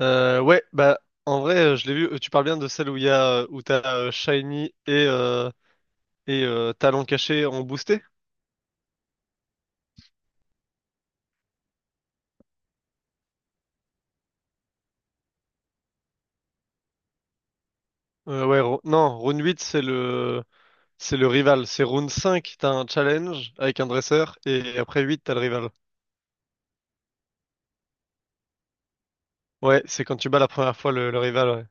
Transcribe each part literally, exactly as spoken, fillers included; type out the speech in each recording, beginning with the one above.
Euh, ouais, bah en vrai, euh, je l'ai vu. euh, Tu parles bien de celle où il y a euh, où t'as euh, Shiny et euh, et euh, Talon Caché en boosté? Euh, ouais, Ro- non, Rune huit c'est le c'est le rival. C'est Rune cinq, t'as un challenge avec un dresseur et après huit t'as le rival. Ouais, c'est quand tu bats la première fois le, le rival. Ouais.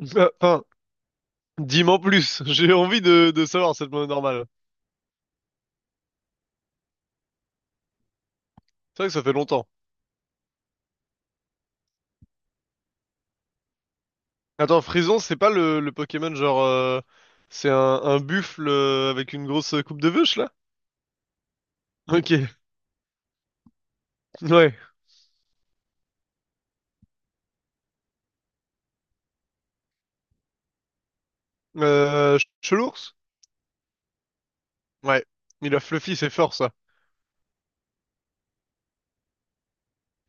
Bah, enfin, dis-m'en plus. J'ai envie de de savoir cette mode normale. C'est vrai que ça fait longtemps. Attends, Frison, c'est pas le le Pokémon genre euh, c'est un un buffle, euh, avec une grosse coupe de vache là? Ok, ouais. Euh, Chelours? Ouais. Il a Fluffy, c'est fort ça.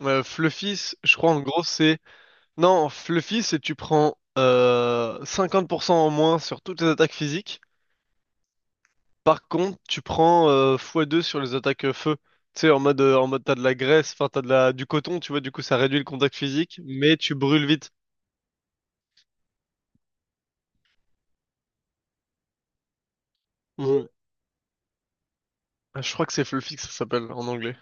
Euh, Fluffy, c- je crois en gros c'est. Non, Fluffy, c'est tu prends euh, cinquante pour cent en moins sur toutes les attaques physiques. Par contre, tu prends euh, fois deux sur les attaques, euh, feu. Tu sais, en mode, euh, en mode t'as de la graisse, enfin t'as de la, du coton, tu vois, du coup ça réduit le contact physique, mais tu brûles vite. Ouais. Ah, je crois que c'est Fluffy que ça s'appelle en anglais.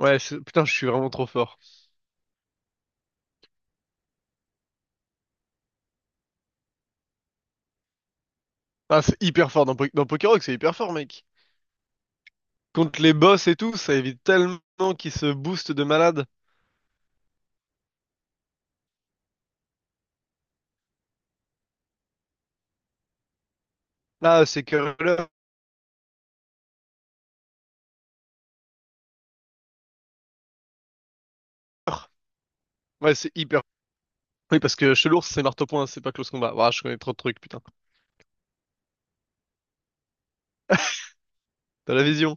Ouais, c'est- putain, je suis vraiment trop fort. Ah, c'est hyper fort dans, Po- dans Pokérock, c'est hyper fort, mec. Contre les boss et tout, ça évite tellement qu'ils se boostent de malade. Là, c'est curler. Ouais, c'est hyper. Oui, parce que chez l'ours, c'est marteau point, c'est pas close combat. Ouah, je connais trop de trucs, putain. T'as la vision.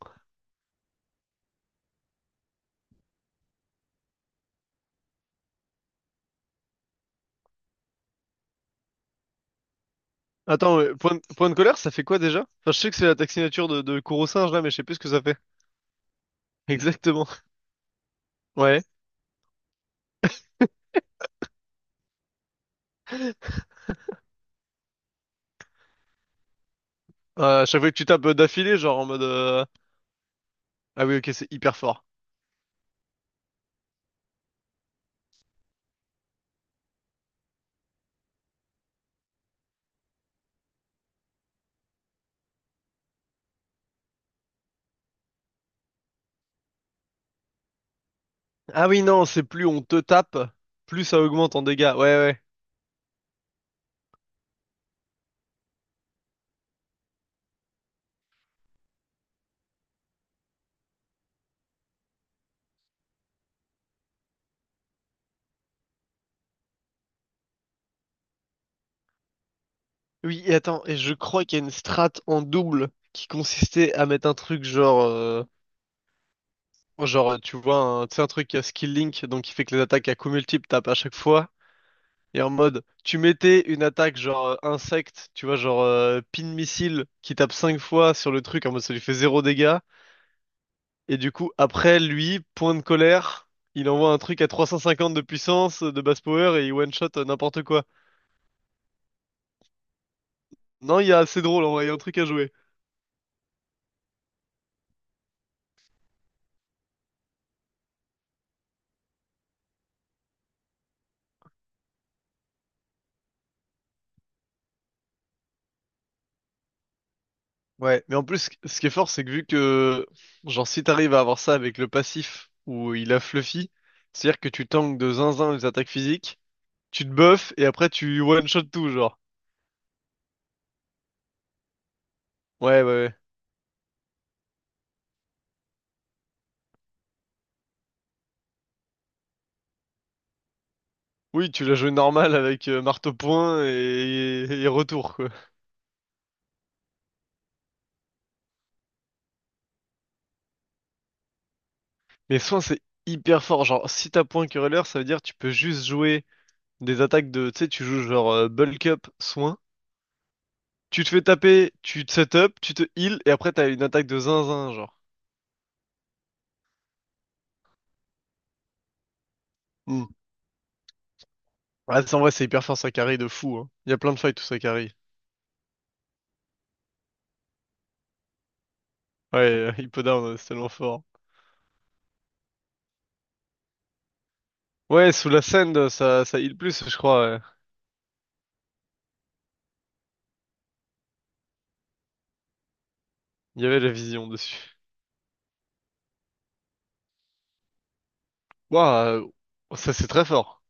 Attends, mais point, point de colère, ça fait quoi déjà? Enfin, je sais que c'est l'attaque signature de, de Kuro-singe là, mais je sais plus ce que ça fait. Exactement. Ouais. Euh, à chaque fois que tu tapes, euh, d'affilée, genre en mode. euh, Ah oui, ok, c'est hyper fort. Ah oui, non, c'est plus on te tape, plus ça augmente en dégâts. Ouais, ouais. Oui, et attends, et je crois qu'il y a une strat en double qui consistait à mettre un truc genre, euh, genre, tu vois, un, tu sais, un truc à skill link, donc qui fait que les attaques à coups multiples tapent à chaque fois. Et en mode, tu mettais une attaque genre euh, insecte, tu vois, genre euh, pin missile qui tape cinq fois sur le truc, en mode ça lui fait zéro dégâts. Et du coup, après lui, point de colère, il envoie un truc à trois cent cinquante de puissance, euh, de basse power, et il one shot, euh, n'importe quoi. Non, il y a assez drôle en vrai, il y a un truc à jouer. Ouais, mais en plus, ce qui est fort, c'est que vu que, genre, si t'arrives à avoir ça avec le passif où il a Fluffy, c'est-à-dire que tu tankes de zinzin les attaques physiques, tu te buffes et après tu one shot tout, genre. Ouais, ouais, ouais. Oui, tu l'as joué normal avec euh, marteau point et, et retour, quoi. Mais soin, c'est hyper fort. Genre, si t'as point querelleur, ça veut dire que tu peux juste jouer des attaques de. Tu sais, tu joues genre euh, bulk up, soin. Tu te fais taper, tu te set up, tu te heal, et après t'as une attaque de zinzin, genre. Hmm. Ouais, c'est- en vrai, c'est hyper fort, ça carry de fou. Hein. Il y a plein de fights où ça carry. Ouais, euh, Hippo Down, euh, c'est tellement fort. Ouais, sous la scène, euh, ça, ça heal plus, je crois. Ouais. Il y avait la vision dessus. Waouh, euh, ça c'est très fort.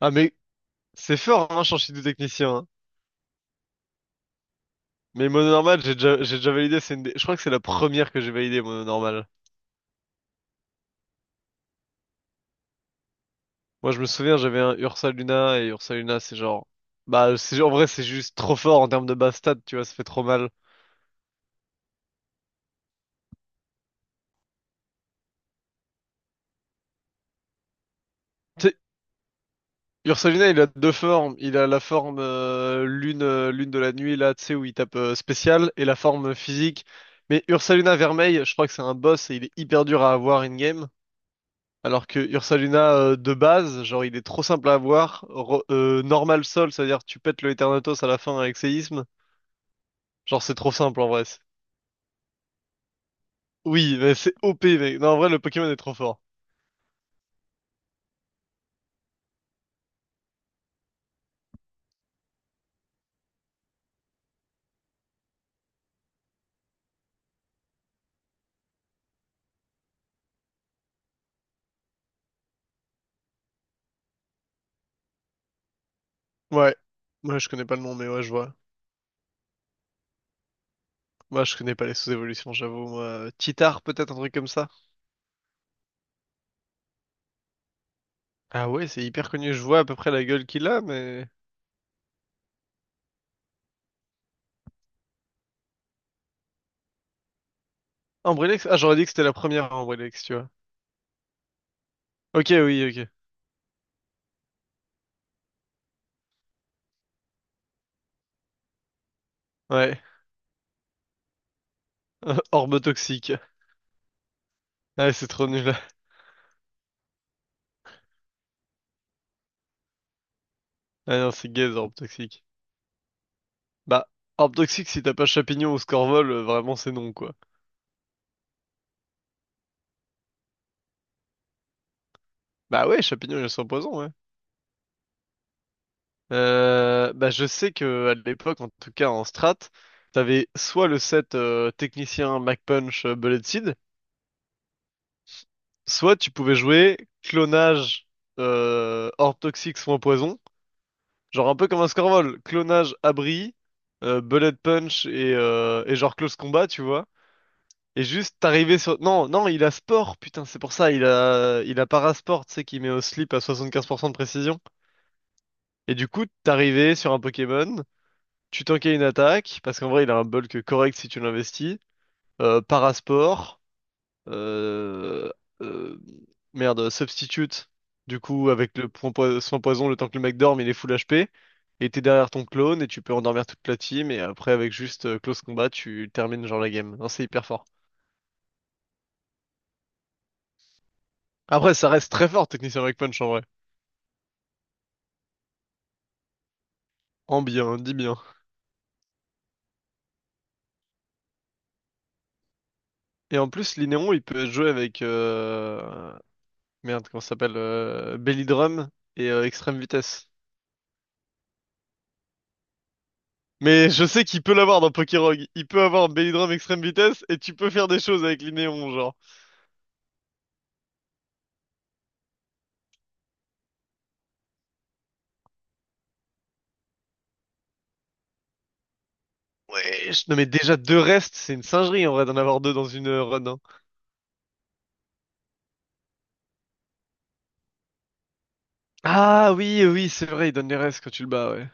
Ah, mais c'est fort, hein, changer de technicien. Hein. Mais mono normal, j'ai déjà, j'ai déjà validé. C'est une des- Je crois que c'est la première que j'ai validée, mono normal. Moi, je me souviens, j'avais un Ursa Luna, et Ursa Luna, c'est genre, bah, c'est en vrai, c'est juste trop fort en termes de base stat, tu vois, ça fait trop mal. Tu sais, Ursa Luna, il a deux formes. Il a la forme euh, lune, euh, lune de la nuit là, tu sais, où il tape, euh, spécial, et la forme physique. Mais Ursa Luna Vermeil, je crois que c'est un boss et il est hyper dur à avoir in-game. Alors que Ursaluna, euh, de base, genre il est trop simple à avoir. Ro- euh, normal Sol, c'est-à-dire tu pètes le Eternatus à la fin avec séisme. Genre c'est trop simple en vrai. C'est- Oui, mais c'est O P mec. Non, en vrai le Pokémon est trop fort. Ouais. Moi, je connais pas le nom, mais ouais, je vois. Moi, je connais pas les sous-évolutions, j'avoue. Moi, Titar, peut-être un truc comme ça. Ah ouais, c'est hyper connu. Je vois à peu près la gueule qu'il a, mais. Ambreléx. Ah, j'aurais dit que c'était la première Ambreléx, tu vois. Ok, oui, ok. Ouais. Orbe toxique. Ah, c'est trop nul. Ah non, c'est gaze Orbe toxique. Bah, Orb toxique, si t'as pas Champignon ou Scorvol, euh, vraiment c'est non, quoi. Bah ouais, Champignon, il est sans poison, ouais. Euh, bah, je sais que à l'époque, en tout cas en strat, t'avais soit le set, euh, technicien Mac Punch, euh, Bullet Seed, soit tu pouvais jouer clonage, euh, Orb Toxic soin poison, genre un peu comme un Scorvol, clonage abri, euh, Bullet Punch et, euh, et genre close combat, tu vois. Et juste arrivé sur. Non, non, il a sport, putain, c'est pour ça, il a, il a parasport, tu sais, qui met au slip à soixante-quinze pour cent de précision. Et du coup, t'arrivais sur un Pokémon, tu tankais une attaque, parce qu'en vrai, il a un bulk correct si tu l'investis. Euh, Parasport, euh, euh, merde, substitute, du coup, avec le point, poi- soin poison, le temps que le mec dorme, il est full H P. Et t'es derrière ton clone, et tu peux endormir toute la team, et après, avec juste euh, close combat, tu termines genre la game. Non, c'est hyper fort. Après, ça reste très fort, Technicien Breakpunch, en vrai. En bien, dis bien. Et en plus, Linéon, il peut jouer avec. euh, Merde, comment ça s'appelle, euh, Belly Drum et, euh, Extrême Vitesse. Mais je sais qu'il peut l'avoir dans Pokérogue. Il peut avoir Belly Drum, Extrême Vitesse, et tu peux faire des choses avec Linéon, genre. Ouais, je... non, mais déjà deux restes, c'est une singerie en vrai d'en avoir deux dans une, euh, run. Hein. Ah oui, oui, c'est vrai, il donne les restes quand tu le bats, ouais.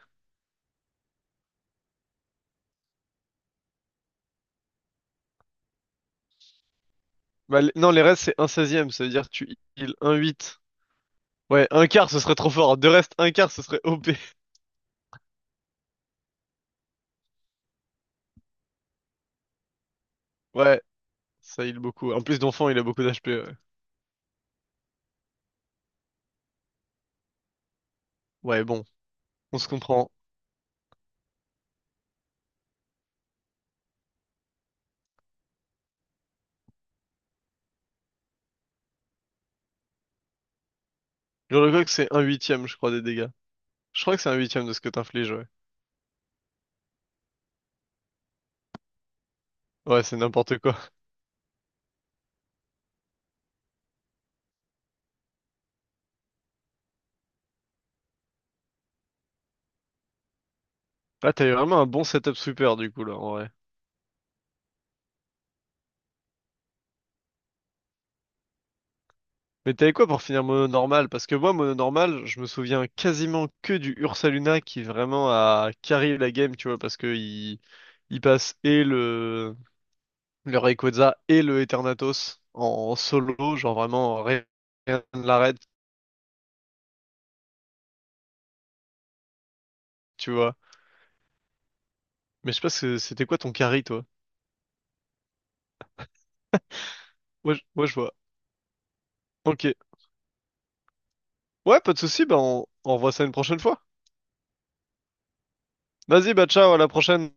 Bah, les- non, les restes, c'est un seizième, ça veut dire que tu heal un huit. Ouais, un quart, ce serait trop fort. Deux restes, un quart, ce serait O P. Ouais, ça heal beaucoup. En plus d'enfant, il a beaucoup d'H P. Ouais, bon, on se comprend. Gurlugok, c'est un huitième, je crois, des dégâts. Je crois que c'est un huitième de ce que t'infliges, ouais. Ouais, c'est n'importe quoi. Là, t'avais vraiment un bon setup sweeper, du coup, là, en vrai. Mais t'avais quoi pour finir mono normal? Parce que moi, mono normal, je me souviens quasiment que du Ursaluna qui vraiment a carry la game, tu vois, parce que il, il passe et le, le Rayquaza et le Eternatus en solo, genre vraiment rien rien ne l'arrête, tu vois. Mais je sais pas, c'est- c'était quoi ton carry, toi? Ouais, je ouais, je vois. Ok. Ouais, pas de souci, bah on, on revoit ça une prochaine fois. Vas-y, bah ciao, à la prochaine.